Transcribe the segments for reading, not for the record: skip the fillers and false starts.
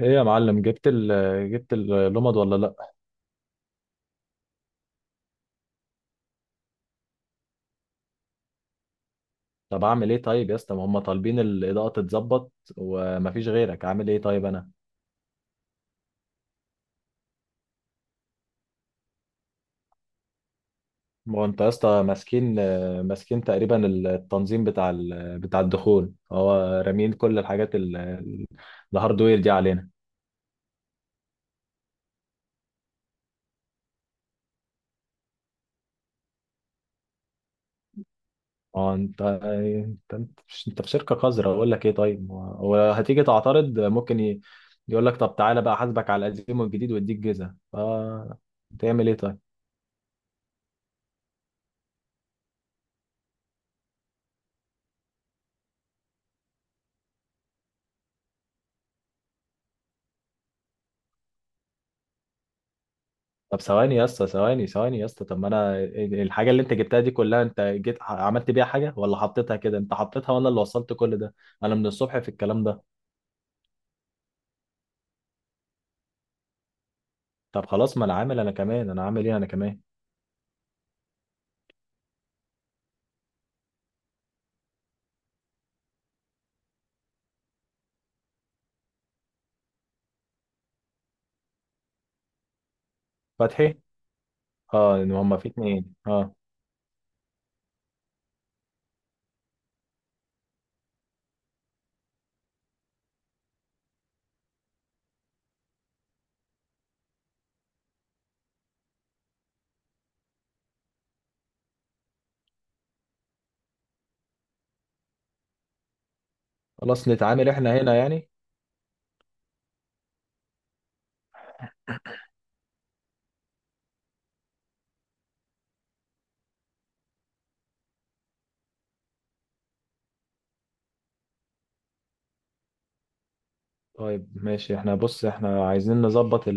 ايه يا معلم جبت اللمض ولا لا؟ طب اعمل ايه طيب يا اسطى؟ ما هم طالبين الاضاءه تتظبط ومفيش غيرك، اعمل ايه طيب انا؟ ما هو انت يا اسطى ماسكين تقريبا التنظيم بتاع بتاع الدخول. هو رامين كل الحاجات الهاردوير دي علينا. اه، انت في شركه قذره، اقول لك ايه طيب؟ هو هتيجي تعترض، ممكن يقول لك طب تعالى بقى احاسبك على القديم والجديد واديك جزءه، ف تعمل ايه طيب؟ طب ثواني يا اسطى، ثواني، ثواني يا اسطى. طب ما انا الحاجه اللي انت جبتها دي كلها، انت جيت عملت بيها حاجه ولا حطيتها كده؟ انت حطيتها وانا اللي وصلت كل ده. انا من الصبح في الكلام ده. طب خلاص، ما انا عامل، انا كمان انا عامل ايه، انا كمان. فتحي. اه، إن هما في اتنين اه. خلاص نتعامل احنا هنا يعني. طيب ماشي احنا، بص احنا عايزين نظبط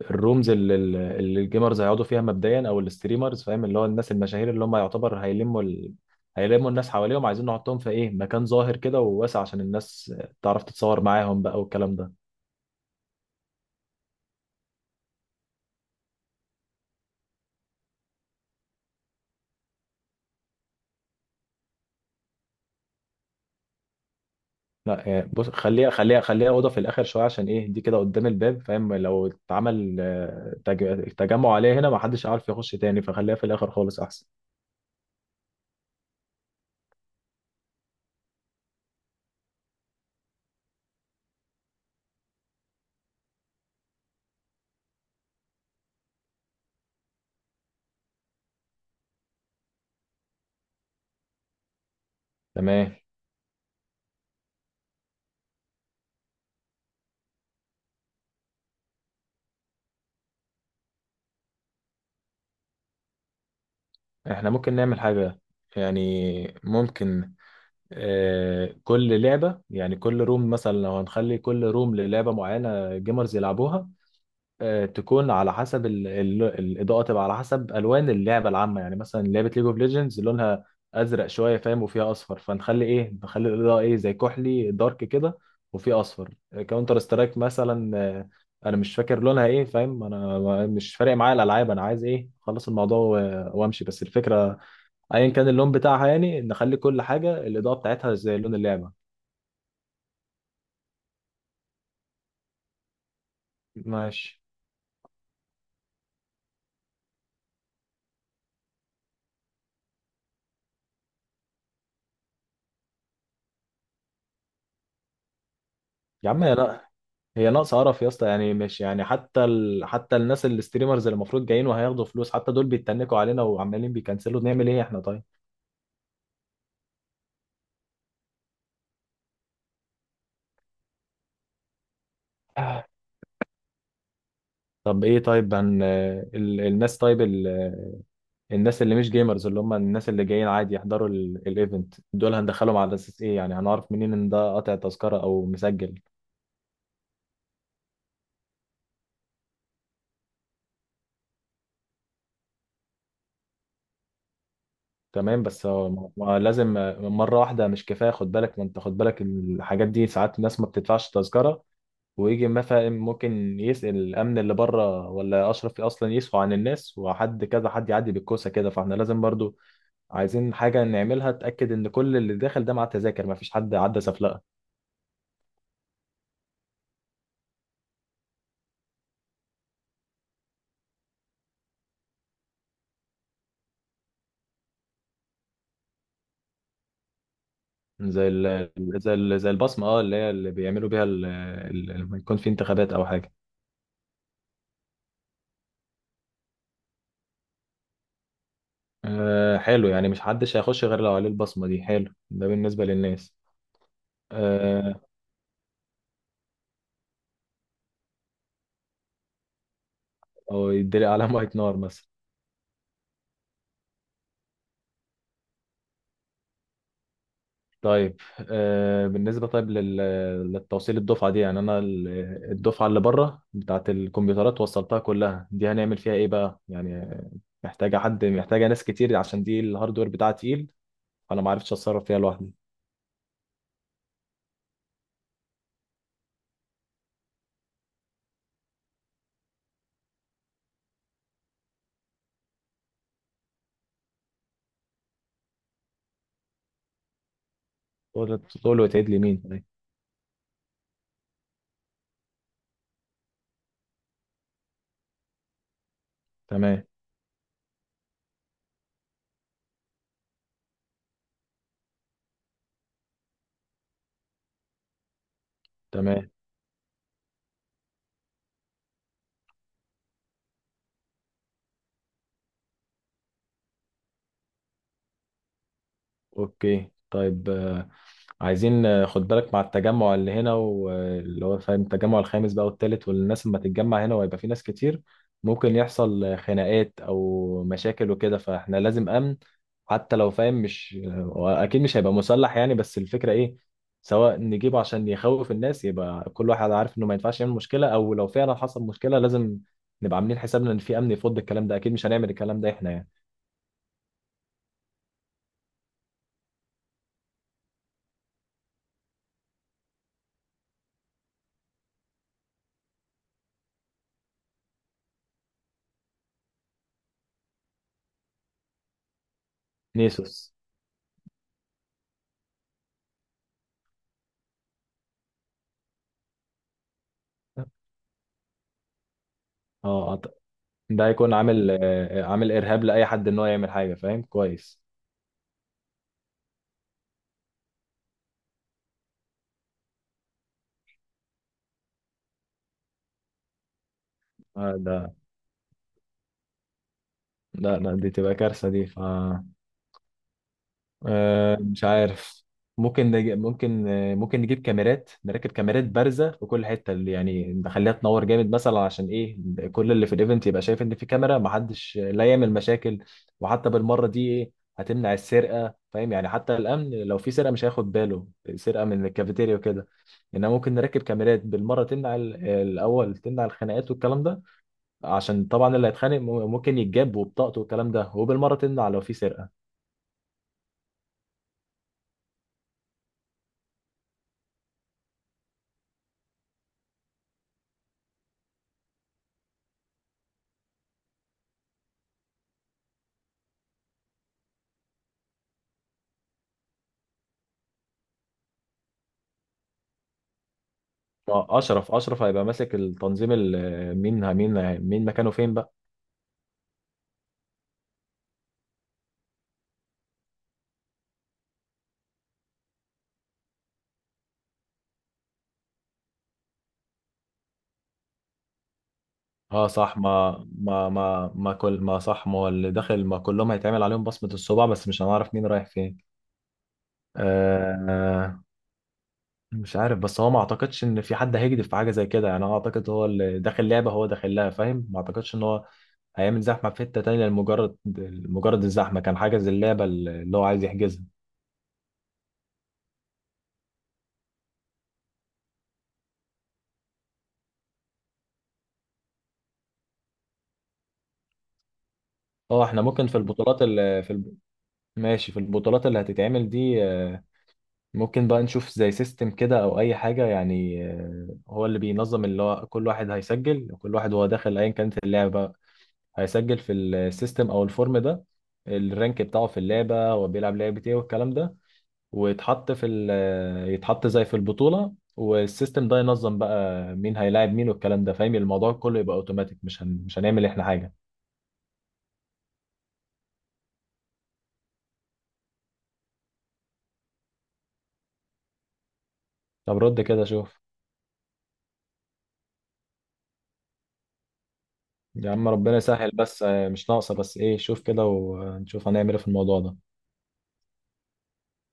الرومز اللي الجيمرز هيقعدوا فيها مبدئيا، او الستريمرز، فاهم؟ اللي هو الناس المشاهير اللي هم يعتبر هيلموا الناس حواليهم. عايزين نحطهم في ايه؟ مكان ظاهر كده وواسع عشان الناس تعرف تتصور معاهم بقى والكلام ده. لا يعني، بص خليها اوضه في الاخر شويه، عشان ايه؟ دي كده قدام الباب، فاهم؟ لو اتعمل تجمع عليها هنا ما حدش عارف يخش تاني، فخليها في الاخر خالص احسن. تمام. احنا ممكن نعمل حاجه، يعني ممكن كل لعبة، يعني كل روم، مثلا لو هنخلي كل روم للعبة معينة جيمرز يلعبوها، تكون على حسب ال ال الإضاءة، تبقى على حسب ألوان اللعبة العامة. يعني مثلا لعبة ليج اوف ليجندز لونها أزرق شوية، فاهم؟ وفيها أصفر، فنخلي إيه؟ نخلي الإضاءة إيه؟ زي كحلي دارك كده، وفيه أصفر. كاونتر سترايك مثلا، أنا مش فاكر لونها إيه، فاهم؟ أنا مش فارق معايا الألعاب، أنا عايز إيه؟ أخلص الموضوع وأمشي. بس الفكرة، ايا كان اللون بتاعها، يعني نخلي كل حاجه الاضاءه بتاعتها زي لون اللعبه. ماشي. يا عم هي لا، هي ناقصه قرف يا اسطى. يعني مش يعني حتى الناس الستريمرز اللي المفروض جايين وهياخدوا فلوس، حتى دول بيتنكوا علينا وعمالين بيكنسلوا، نعمل ايه احنا طيب؟ طب ايه طيب الناس، طيب الناس اللي مش جيمرز، اللي هم الناس اللي جايين عادي يحضروا الايفنت، دول هندخلهم على اساس ايه؟ يعني هنعرف منين ان ده قاطع تذكره او مسجل؟ تمام بس هو ما لازم مرة واحدة مش كفاية، خد بالك. ما انت خد بالك الحاجات دي، ساعات الناس ما بتدفعش تذكرة، ويجي مثلا ممكن يسأل الأمن اللي بره، ولا أشرف أصلا يسهو عن الناس، وحد كذا حد يعدي بالكوسة كده. فاحنا لازم برضو عايزين حاجة نعملها تأكد إن كل اللي داخل ده مع التذاكر، ما فيش حد عدى سفلقة. زي ال زي البصمة، اه، اللي هي اللي بيعملوا بيها لما يكون في انتخابات أو حاجة. آه حلو. يعني مش حدش هيخش غير لو عليه البصمة دي. حلو ده بالنسبة للناس. آه، او يدري علامة نار مثلا. طيب بالنسبة، طيب للتوصيل الدفعة دي، يعني أنا الدفعة اللي بره بتاعة الكمبيوترات وصلتها كلها دي، هنعمل فيها إيه بقى يعني؟ محتاجة حد، محتاجة ناس كتير، عشان دي الهاردوير بتاعها تقيل. أنا ما عرفتش أتصرف فيها لوحدي. تقول وتعيد لي مين طيب؟ تمام. تمام. اوكي طيب، عايزين خد بالك مع التجمع اللي هنا واللي هو فاهم التجمع الخامس بقى والتالت، والناس لما تتجمع هنا وهيبقى في ناس كتير، ممكن يحصل خناقات او مشاكل وكده، فاحنا لازم امن. حتى لو فاهم مش، اكيد مش هيبقى مسلح يعني، بس الفكرة ايه؟ سواء نجيبه عشان يخوف الناس يبقى كل واحد عارف انه ما ينفعش يعمل مشكلة، او لو فعلا حصل مشكلة لازم نبقى عاملين حسابنا ان في امن يفض الكلام ده. اكيد مش هنعمل الكلام ده احنا يعني. نيسوس. اه، ده هيكون عامل ارهاب لاي حد ان هو يعمل حاجه، فاهم؟ كويس. ده لا لا، دي تبقى كارثه دي ف... مش عارف. ممكن نج... ممكن آه، ممكن نجيب كاميرات، نركب كاميرات بارزة في كل حتة، اللي يعني نخليها تنور جامد مثلا، عشان ايه؟ كل اللي في الايفنت يبقى شايف ان في كاميرا، محدش لا يعمل مشاكل. وحتى بالمرة دي ايه؟ هتمنع السرقة، فاهم يعني؟ حتى الأمن لو في سرقة مش هياخد باله، سرقة من الكافيتيريا وكده. إنما ممكن نركب كاميرات بالمرة تمنع الأول تمنع الخناقات والكلام ده، عشان طبعا اللي هيتخانق ممكن يتجاب وبطاقته والكلام ده، وبالمرة تمنع لو في سرقة. ما اشرف، اشرف هيبقى ماسك التنظيم مين مين مين مكانه فين بقى. اه صح، ما ما ما ما كل ما صح، ما هو اللي داخل ما كلهم هيتعمل عليهم بصمة الصبع، بس مش هنعرف مين رايح فين. آه، مش عارف. بس هو ما اعتقدش ان في حد هيجدف في حاجة زي كده. يعني انا اعتقد هو اللي داخل لعبة هو داخل لها، فاهم؟ ما اعتقدش ان هو هيعمل زحمة في حتة تانية لمجرد مجرد الزحمة كان حاجز اللعبة اللي هو عايز يحجزها. اه احنا ممكن في البطولات ماشي، في البطولات اللي هتتعمل دي ممكن بقى نشوف زي سيستم كده او اي حاجه يعني. هو اللي بينظم، اللي هو كل واحد هيسجل، كل واحد وهو داخل ايا كانت اللعبه هيسجل في السيستم او الفورم ده الرانك بتاعه في اللعبه وبيلعب لعبه ايه والكلام ده، ويتحط في ال آه، يتحط زي في البطوله، والسيستم ده ينظم بقى مين هيلاعب مين والكلام ده، فاهم؟ الموضوع كله يبقى اوتوماتيك، مش مش هنعمل احنا حاجه. طب رد كده شوف. يا عم ربنا يسهل، بس مش ناقصه. بس ايه، شوف كده ونشوف هنعمل ايه في الموضوع ده.